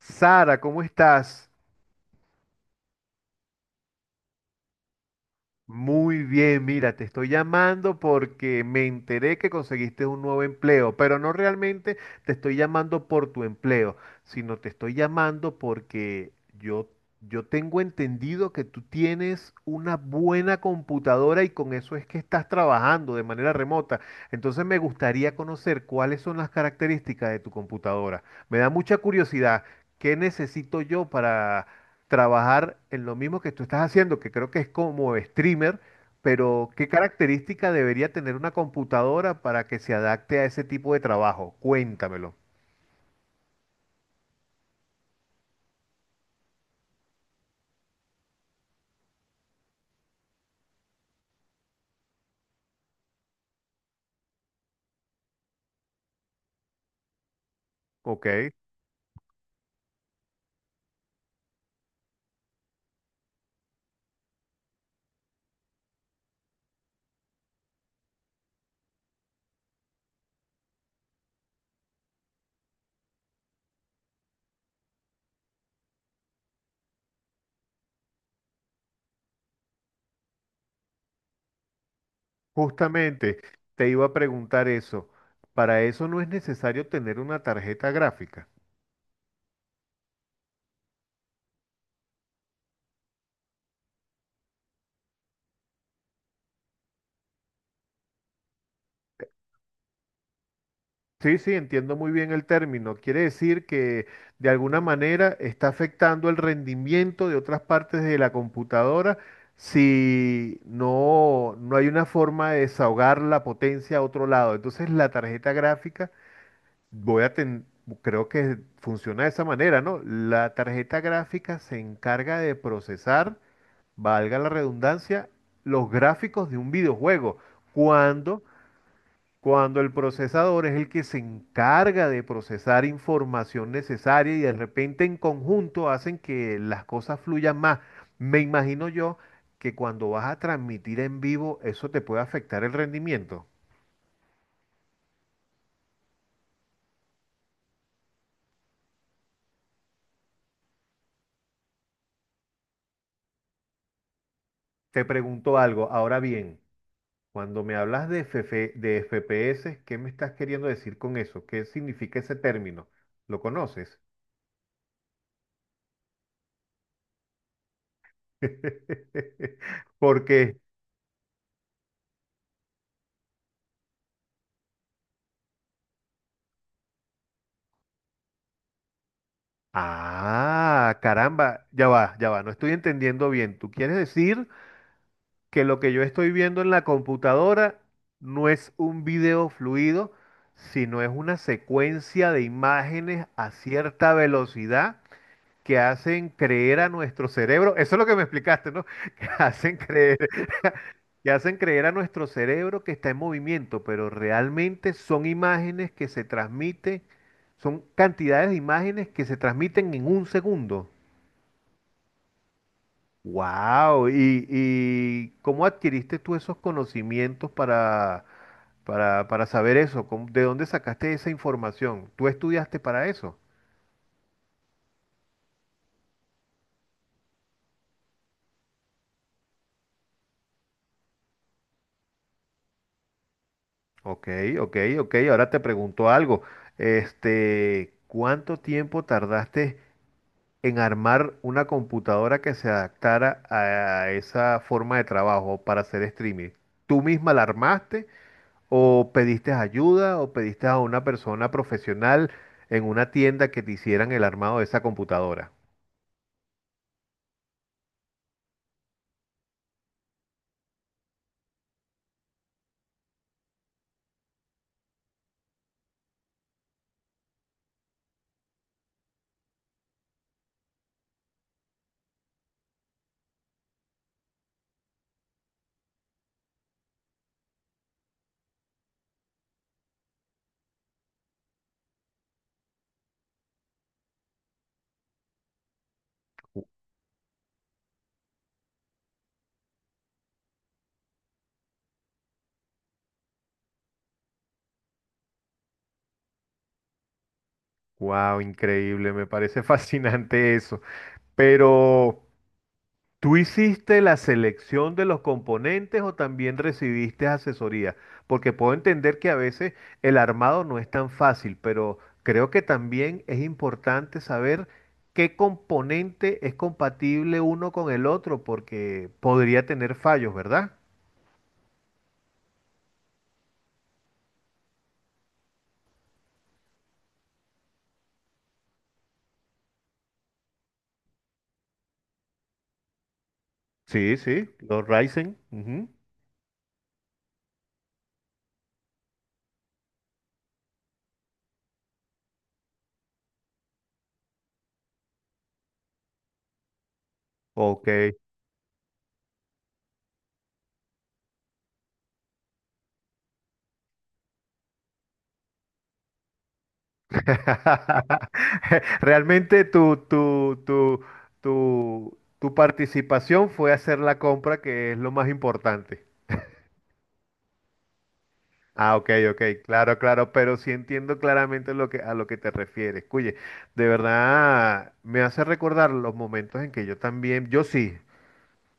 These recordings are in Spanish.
Sara, ¿cómo estás? Muy bien, mira, te estoy llamando porque me enteré que conseguiste un nuevo empleo, pero no realmente te estoy llamando por tu empleo, sino te estoy llamando porque yo, yo tengo entendido que tú tienes una buena computadora y con eso es que estás trabajando de manera remota. Entonces me gustaría conocer cuáles son las características de tu computadora. Me da mucha curiosidad, ¿qué necesito yo para trabajar en lo mismo que tú estás haciendo, que creo que es como streamer, pero ¿qué característica debería tener una computadora para que se adapte a ese tipo de trabajo? Cuéntamelo. ¿Ok? Justamente te iba a preguntar eso. Para eso no es necesario tener una tarjeta gráfica. Sí, sí, entiendo muy bien el término. Quiere decir que de alguna manera está afectando el rendimiento de otras partes de la computadora si no, no hay una forma de desahogar la potencia a otro lado. Entonces la tarjeta gráfica, voy a ten- creo que funciona de esa manera, ¿no? La tarjeta gráfica se encarga de procesar, valga la redundancia, los gráficos de un videojuego. cuando cuando el procesador es el que se encarga de procesar información necesaria y de repente en conjunto hacen que las cosas fluyan más. Me imagino yo que cuando vas a transmitir en vivo eso te puede afectar el rendimiento. Te pregunto algo, ahora bien, cuando me hablas de FF de FPS, ¿qué me estás queriendo decir con eso? ¿Qué significa ese término? ¿Lo conoces? Porque ah, caramba, ya va, no estoy entendiendo bien. ¿Tú quieres decir que lo que yo estoy viendo en la computadora no es un video fluido, sino es una secuencia de imágenes a cierta velocidad que hacen creer a nuestro cerebro, eso es lo que me explicaste, ¿no? Que hacen creer, que hacen creer a nuestro cerebro que está en movimiento, pero realmente son imágenes que se transmiten, son cantidades de imágenes que se transmiten en un segundo. Wow, ¿y cómo adquiriste tú esos conocimientos para, para saber eso? ¿Cómo- ¿De dónde sacaste esa información? ¿Tú estudiaste para eso? Ok, ok, ok. Ahora te pregunto algo. Este, ¿cuánto tiempo tardaste en armar una computadora que se adaptara a esa forma de trabajo para hacer streaming? ¿Tú misma la armaste ¿o pediste ayuda o pediste a una persona profesional en una tienda que te hicieran el armado de esa computadora? ¡Wow! Increíble, me parece fascinante eso. Pero, ¿tú hiciste la selección de los componentes o también recibiste asesoría? Porque puedo entender que a veces el armado no es tan fácil, pero creo que también es importante saber qué componente es compatible uno con el otro, porque podría tener fallos, ¿verdad? Sí, sí, los Ryzen. Ujú. Ok. Realmente tu participación fue hacer la compra, que es lo más importante. Ah, ok, ok, claro, claro, pero sí entiendo claramente lo que, a lo que te refieres. Oye, de verdad me hace recordar los momentos en que yo también, yo sí,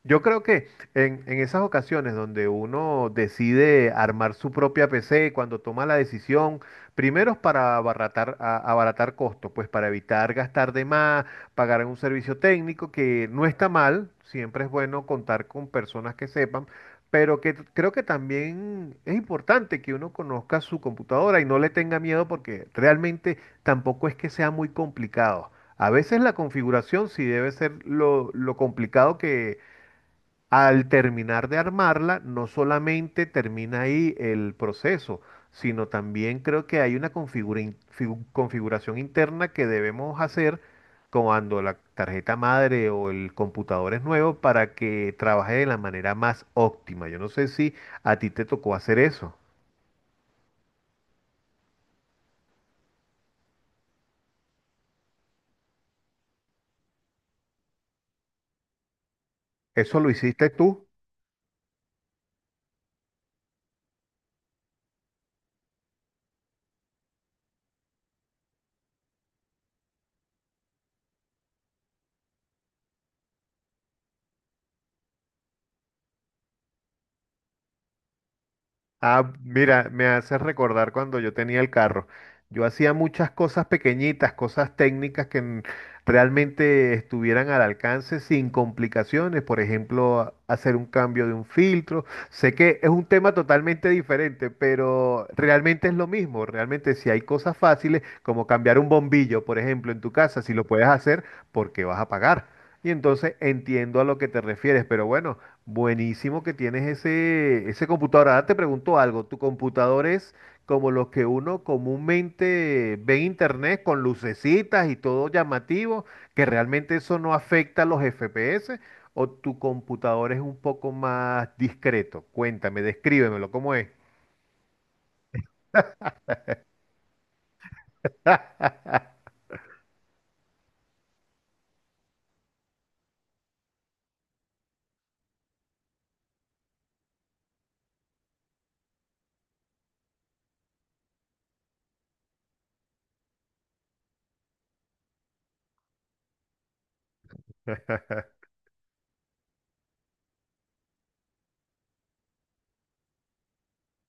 yo creo que en esas ocasiones donde uno decide armar su propia PC, cuando toma la decisión, primero es para abaratar, abaratar costos, pues para evitar gastar de más, pagar en un servicio técnico, que no está mal, siempre es bueno contar con personas que sepan, pero creo que también es importante que uno conozca su computadora y no le tenga miedo porque realmente tampoco es que sea muy complicado. A veces la configuración sí debe ser lo complicado que al terminar de armarla, no solamente termina ahí el proceso, sino también creo que hay una configuración interna que debemos hacer cuando la tarjeta madre o el computador es nuevo para que trabaje de la manera más óptima. Yo no sé si a ti te tocó hacer eso. ¿Eso lo hiciste tú? Ah, mira, me hace recordar cuando yo tenía el carro. Yo hacía muchas cosas pequeñitas, cosas técnicas realmente estuvieran al alcance sin complicaciones. Por ejemplo, hacer un cambio de un filtro. Sé que es un tema totalmente diferente, pero realmente es lo mismo. Realmente si hay cosas fáciles, como cambiar un bombillo, por ejemplo, en tu casa, si lo puedes hacer, ¿por qué vas a pagar? Y entonces entiendo a lo que te refieres, pero bueno. Buenísimo que tienes ese, ese computador. Ahora te pregunto algo. ¿Tu computador es como los que uno comúnmente ve en internet con lucecitas y todo llamativo, que realmente eso no afecta los FPS? ¿O tu computador es un poco más discreto? Cuéntame, descríbemelo, ¿cómo es?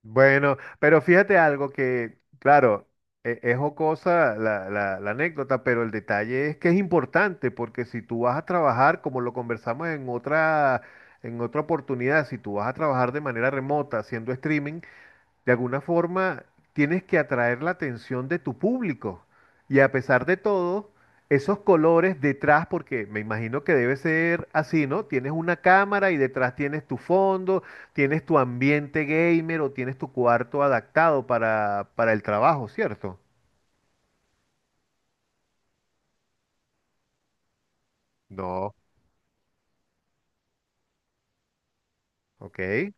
Bueno, pero fíjate algo que, claro, es jocosa la anécdota, pero el detalle es que es importante, porque si tú vas a trabajar, como lo conversamos en otra oportunidad, si tú vas a trabajar de manera remota haciendo streaming, de alguna forma tienes que atraer la atención de tu público. Y a pesar de todo, esos colores detrás, porque me imagino que debe ser así, ¿no? Tienes una cámara y detrás tienes tu fondo, tienes tu ambiente gamer o tienes tu cuarto adaptado para el trabajo, ¿cierto? No, ok.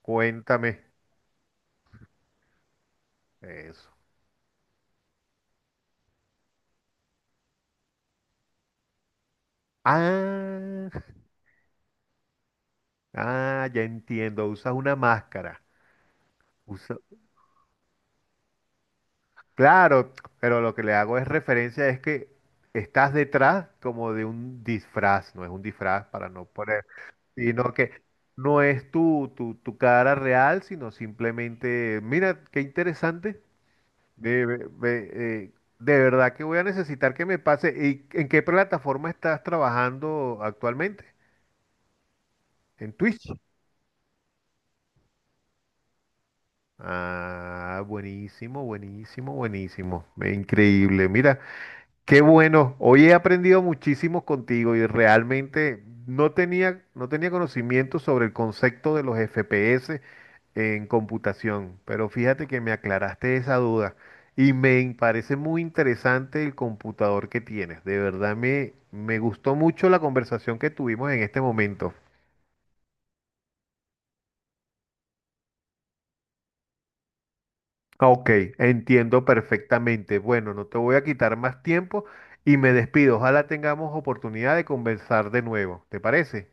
Cuéntame eso. Ah, ah, ya entiendo. Usas una máscara. Usa- Claro, pero lo que le hago es referencia es que estás detrás como de un disfraz, no es un disfraz para no poner, sino que no es tu cara real, sino simplemente, mira, qué interesante, de, de verdad que voy a necesitar que me pase. ¿Y en qué plataforma estás trabajando actualmente? ¿En Twitch? Ah, buenísimo, buenísimo, buenísimo, ve, increíble, mira. Qué bueno, hoy he aprendido muchísimo contigo y realmente no tenía conocimiento sobre el concepto de los FPS en computación, pero fíjate que me aclaraste esa duda y me parece muy interesante el computador que tienes. De verdad me gustó mucho la conversación que tuvimos en este momento. Ok, entiendo perfectamente. Bueno, no te voy a quitar más tiempo y me despido. Ojalá tengamos oportunidad de conversar de nuevo. ¿Te parece?